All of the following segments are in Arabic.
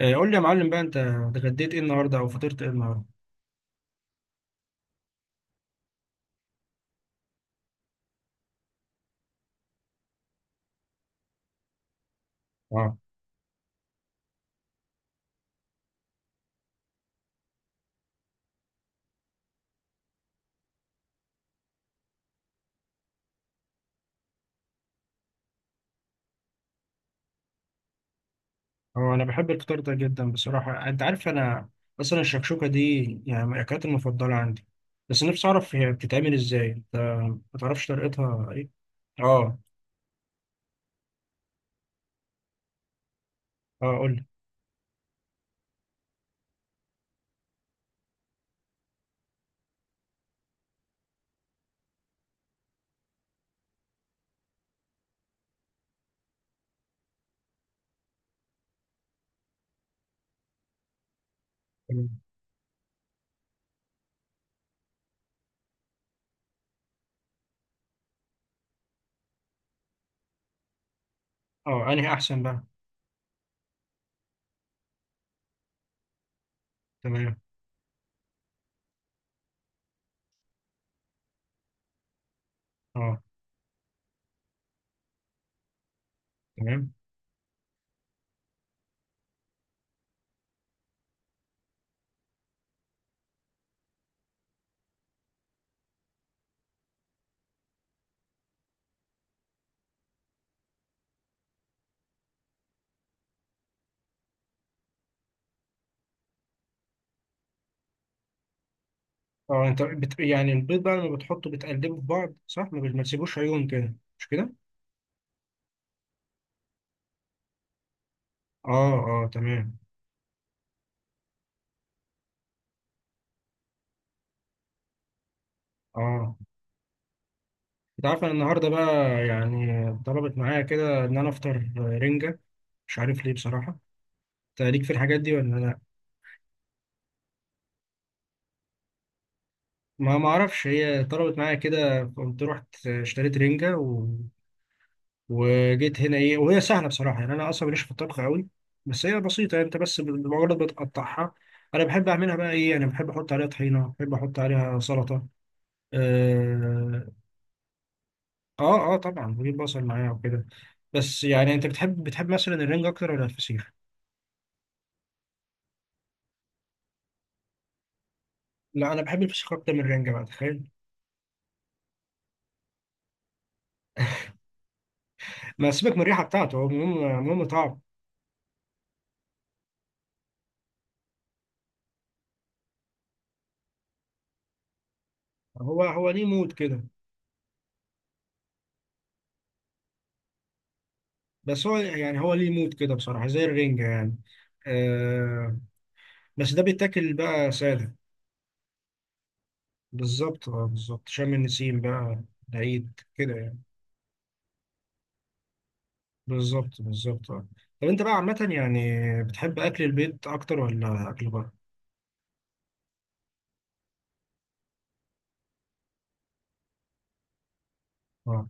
قول لي يا معلم بقى، انت اتغديت ايه النهارده او فطرت ايه النهارده؟ اه هو انا بحب الفطار ده جدا بصراحه. انت عارف، انا اصلا الشكشوكه دي يعني من الاكلات المفضله عندي. بس نفسي اعرف هي بتتعمل ازاي، انت ما تعرفش طريقتها ايه؟ اه اه، قول لي. تمام. اه، انهي احسن بقى؟ تمام. اه تمام. اه انت بت... يعني البيض بقى لما بتحطه بتقلبه في بعض، صح؟ ما تسيبوش عيون كده، مش كده؟ اه اه، تمام. اه، انت عارف انا النهارده بقى يعني ضربت معايا كده ان انا افطر رنجه. مش عارف ليه بصراحه. انت ليك في الحاجات دي ولا لا؟ ما اعرفش، هي طلبت معايا كده، قمت رحت اشتريت رنجه و... وجيت هنا ايه، وهي سهله بصراحه يعني. انا اصلا ماليش في الطبخ قوي، بس هي بسيطه يعني. انت بس بمجرد بتقطعها، انا بحب اعملها بقى ايه، انا بحب احط عليها طحينه، بحب احط عليها سلطه. اه اه، آه طبعا بجيب بصل معايا وكده. بس يعني انت بتحب مثلا الرنجه اكتر ولا الفسيخ؟ لا، انا بحب الفشخ اكتر من الرنجه بقى، تخيل. ما سيبك من الريحه بتاعته، هو المهم المهم طعم. هو هو ليه مود كده. بس هو يعني هو ليه مود كده بصراحه، زي الرنجه يعني. آه. بس ده بيتاكل بقى ساده. بالظبط، اه بالظبط، شم النسيم بقى. العيد كده يعني. بالظبط بالظبط، اه. طب انت بقى عامه يعني، بتحب اكل البيت اكتر ولا اكل بره؟ اه.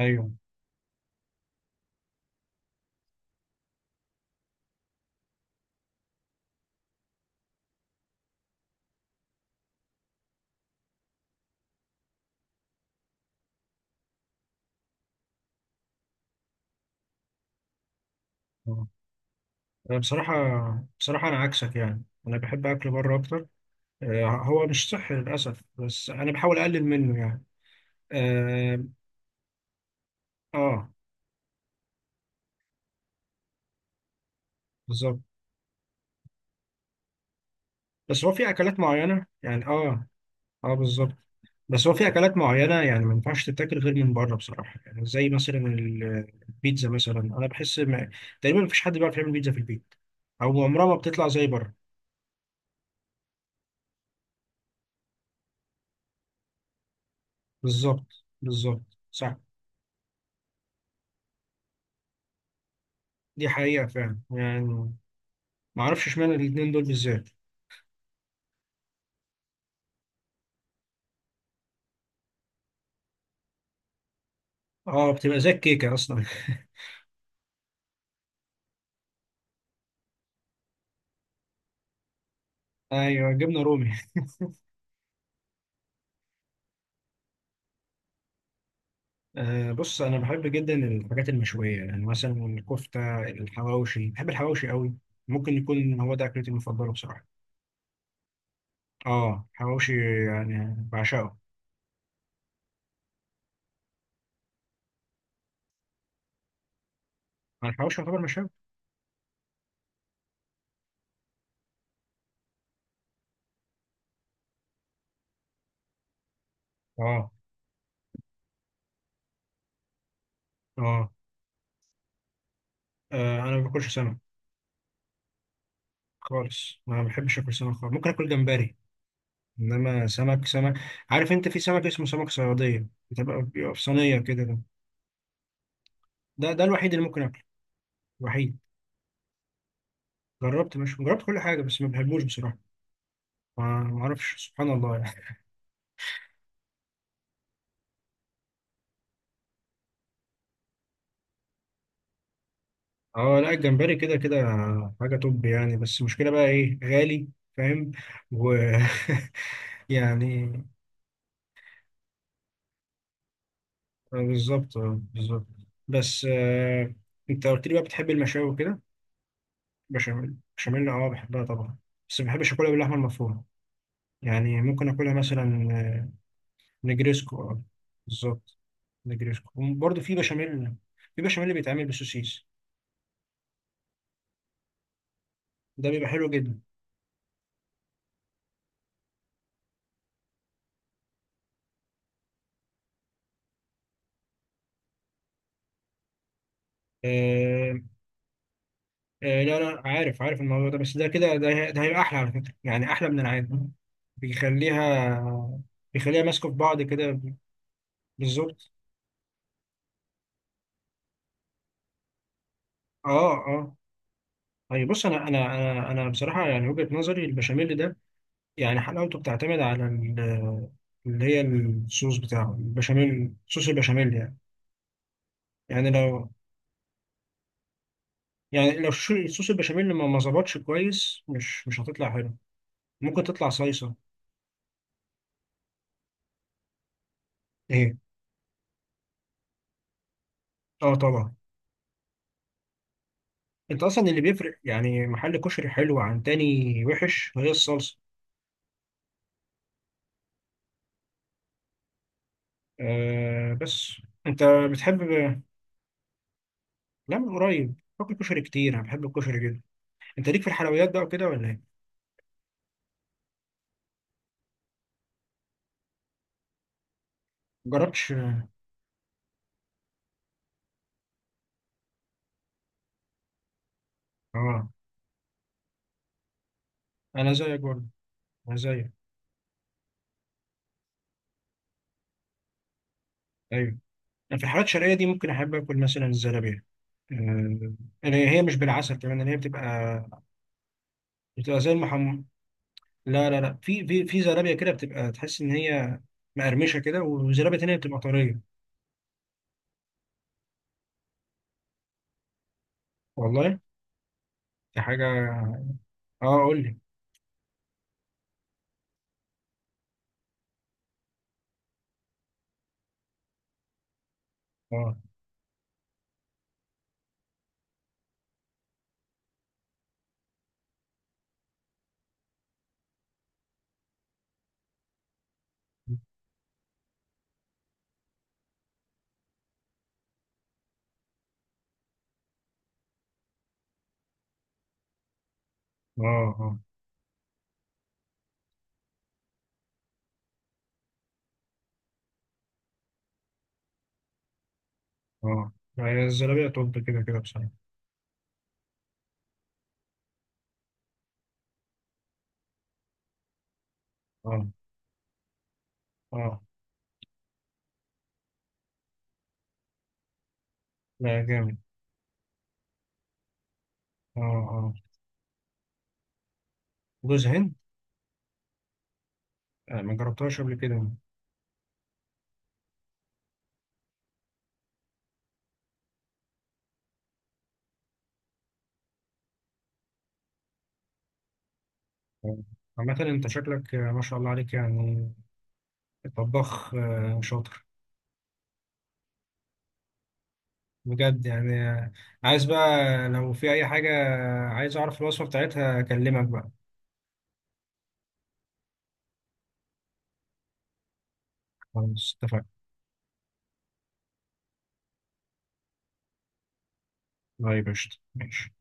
ايوه. آه. انا بصراحه، بصراحه انا عكسك يعني، انا بحب اكل بره اكتر. هو مش صحي للأسف، بس أنا بحاول أقلل منه يعني. آه, آه بالظبط. بس هو في أكلات معينة يعني، آه. آه بالظبط. بس هو في أكلات معينة يعني ما ينفعش تتاكل غير من بره بصراحة، يعني زي مثلا البيتزا مثلا. أنا بحس ما... تقريبا مفيش حد بيعرف يعمل بيتزا في البيت، أو عمرها ما بتطلع زي بره. بالظبط بالظبط، صح. دي حقيقة فعلا يعني. ما أعرفش إشمعنى الاتنين دول بالذات. آه، بتبقى زي الكيكة أصلا. أيوه، جبنة رومي. أه بص، أنا بحب جدا الحاجات المشوية، يعني مثلا الكفتة، الحواوشي، بحب الحواوشي قوي. ممكن يكون هو ده أكلتي المفضلة بصراحة. آه، حواوشي. يعني بعشقه. أنا الحواوشي يعتبر مشاوي. آه. آه. أنا ما باكلش سمك خالص. ما بحبش آكل سمك خالص، ممكن آكل جمبري. إنما سمك سمك. عارف أنت في سمك اسمه سمك صيادية، بتبقى بيبقى في صينية كده؟ ده ده ده الوحيد اللي ممكن آكله. الوحيد. جربت، مش جربت كل حاجة، بس ما بحبوش بصراحة. ما أعرفش، سبحان الله يعني. اه لا، الجمبري كده كده حاجة توب يعني. بس المشكلة بقى ايه، غالي. فاهم. و يعني. بالظبط، بالظبط. بس آه، انت قلت لي بقى بتحب المشاوي وكده. بشاميل، بشاميل اه بحبها طبعا. بس ما بحبش اكلها باللحمة المفرومة. يعني ممكن اكلها مثلا آه، نجريسكو، اه بالظبط. نجريسكو وبرضه في بشاميل. في بشاميل بيتعمل بالسوسيس، ده بيبقى حلو جدا. آه، لا لا، عارف عارف الموضوع ده. بس ده كده ده, ده هيبقى احلى على فكره يعني، احلى من العادي. بيخليها، بيخليها ماسكه في بعض كده. بالظبط. اه اه. طيب بص، انا بصراحه يعني وجهه نظري البشاميل ده، يعني حلاوته بتعتمد على ال-، اللي هي الصوص بتاعه البشاميل، صوص البشاميل يعني. يعني لو، يعني لو صوص البشاميل ما ظبطش كويس، مش مش هتطلع حلو، ممكن تطلع صيصه. ايه؟ اه طبعا. انت اصلا اللي بيفرق يعني محل كشري حلو عن تاني وحش هي الصلصه. آه. بس انت بتحب. لا، من قريب باكل كشري كتير، انا بحب الكشري جدا. انت ليك في الحلويات بقى وكده ولا ايه؟ جربتش. اه، انا زيك برضه، انا زيك. ايوه. انا في الحلويات الشرقيه دي ممكن احب اكل مثلا الزلابيه. آه. اللي هي مش بالعسل كمان، اللي هي بتبقى، بتبقى زي المحم. لا لا لا، في في في زلابيه كده بتبقى تحس ان هي مقرمشه كده، وزلابيه تانيه بتبقى طريه. والله. دي حاجه. اه قول لي. اه اه. اه اه. هي الزلابية طب كده كده بصراحة. اه اه. لا جامد. اه اه. جوز هند. ما جربتهاش قبل كده. آه. عامة انت شكلك آه، ما شاء الله عليك يعني، طباخ شاطر. بجد يعني، آه، عايز بقى لو في أي حاجة، عايز أعرف الوصفة بتاعتها أكلمك بقى. خلاص، اتفقنا. طيب، قشطة، ماشي.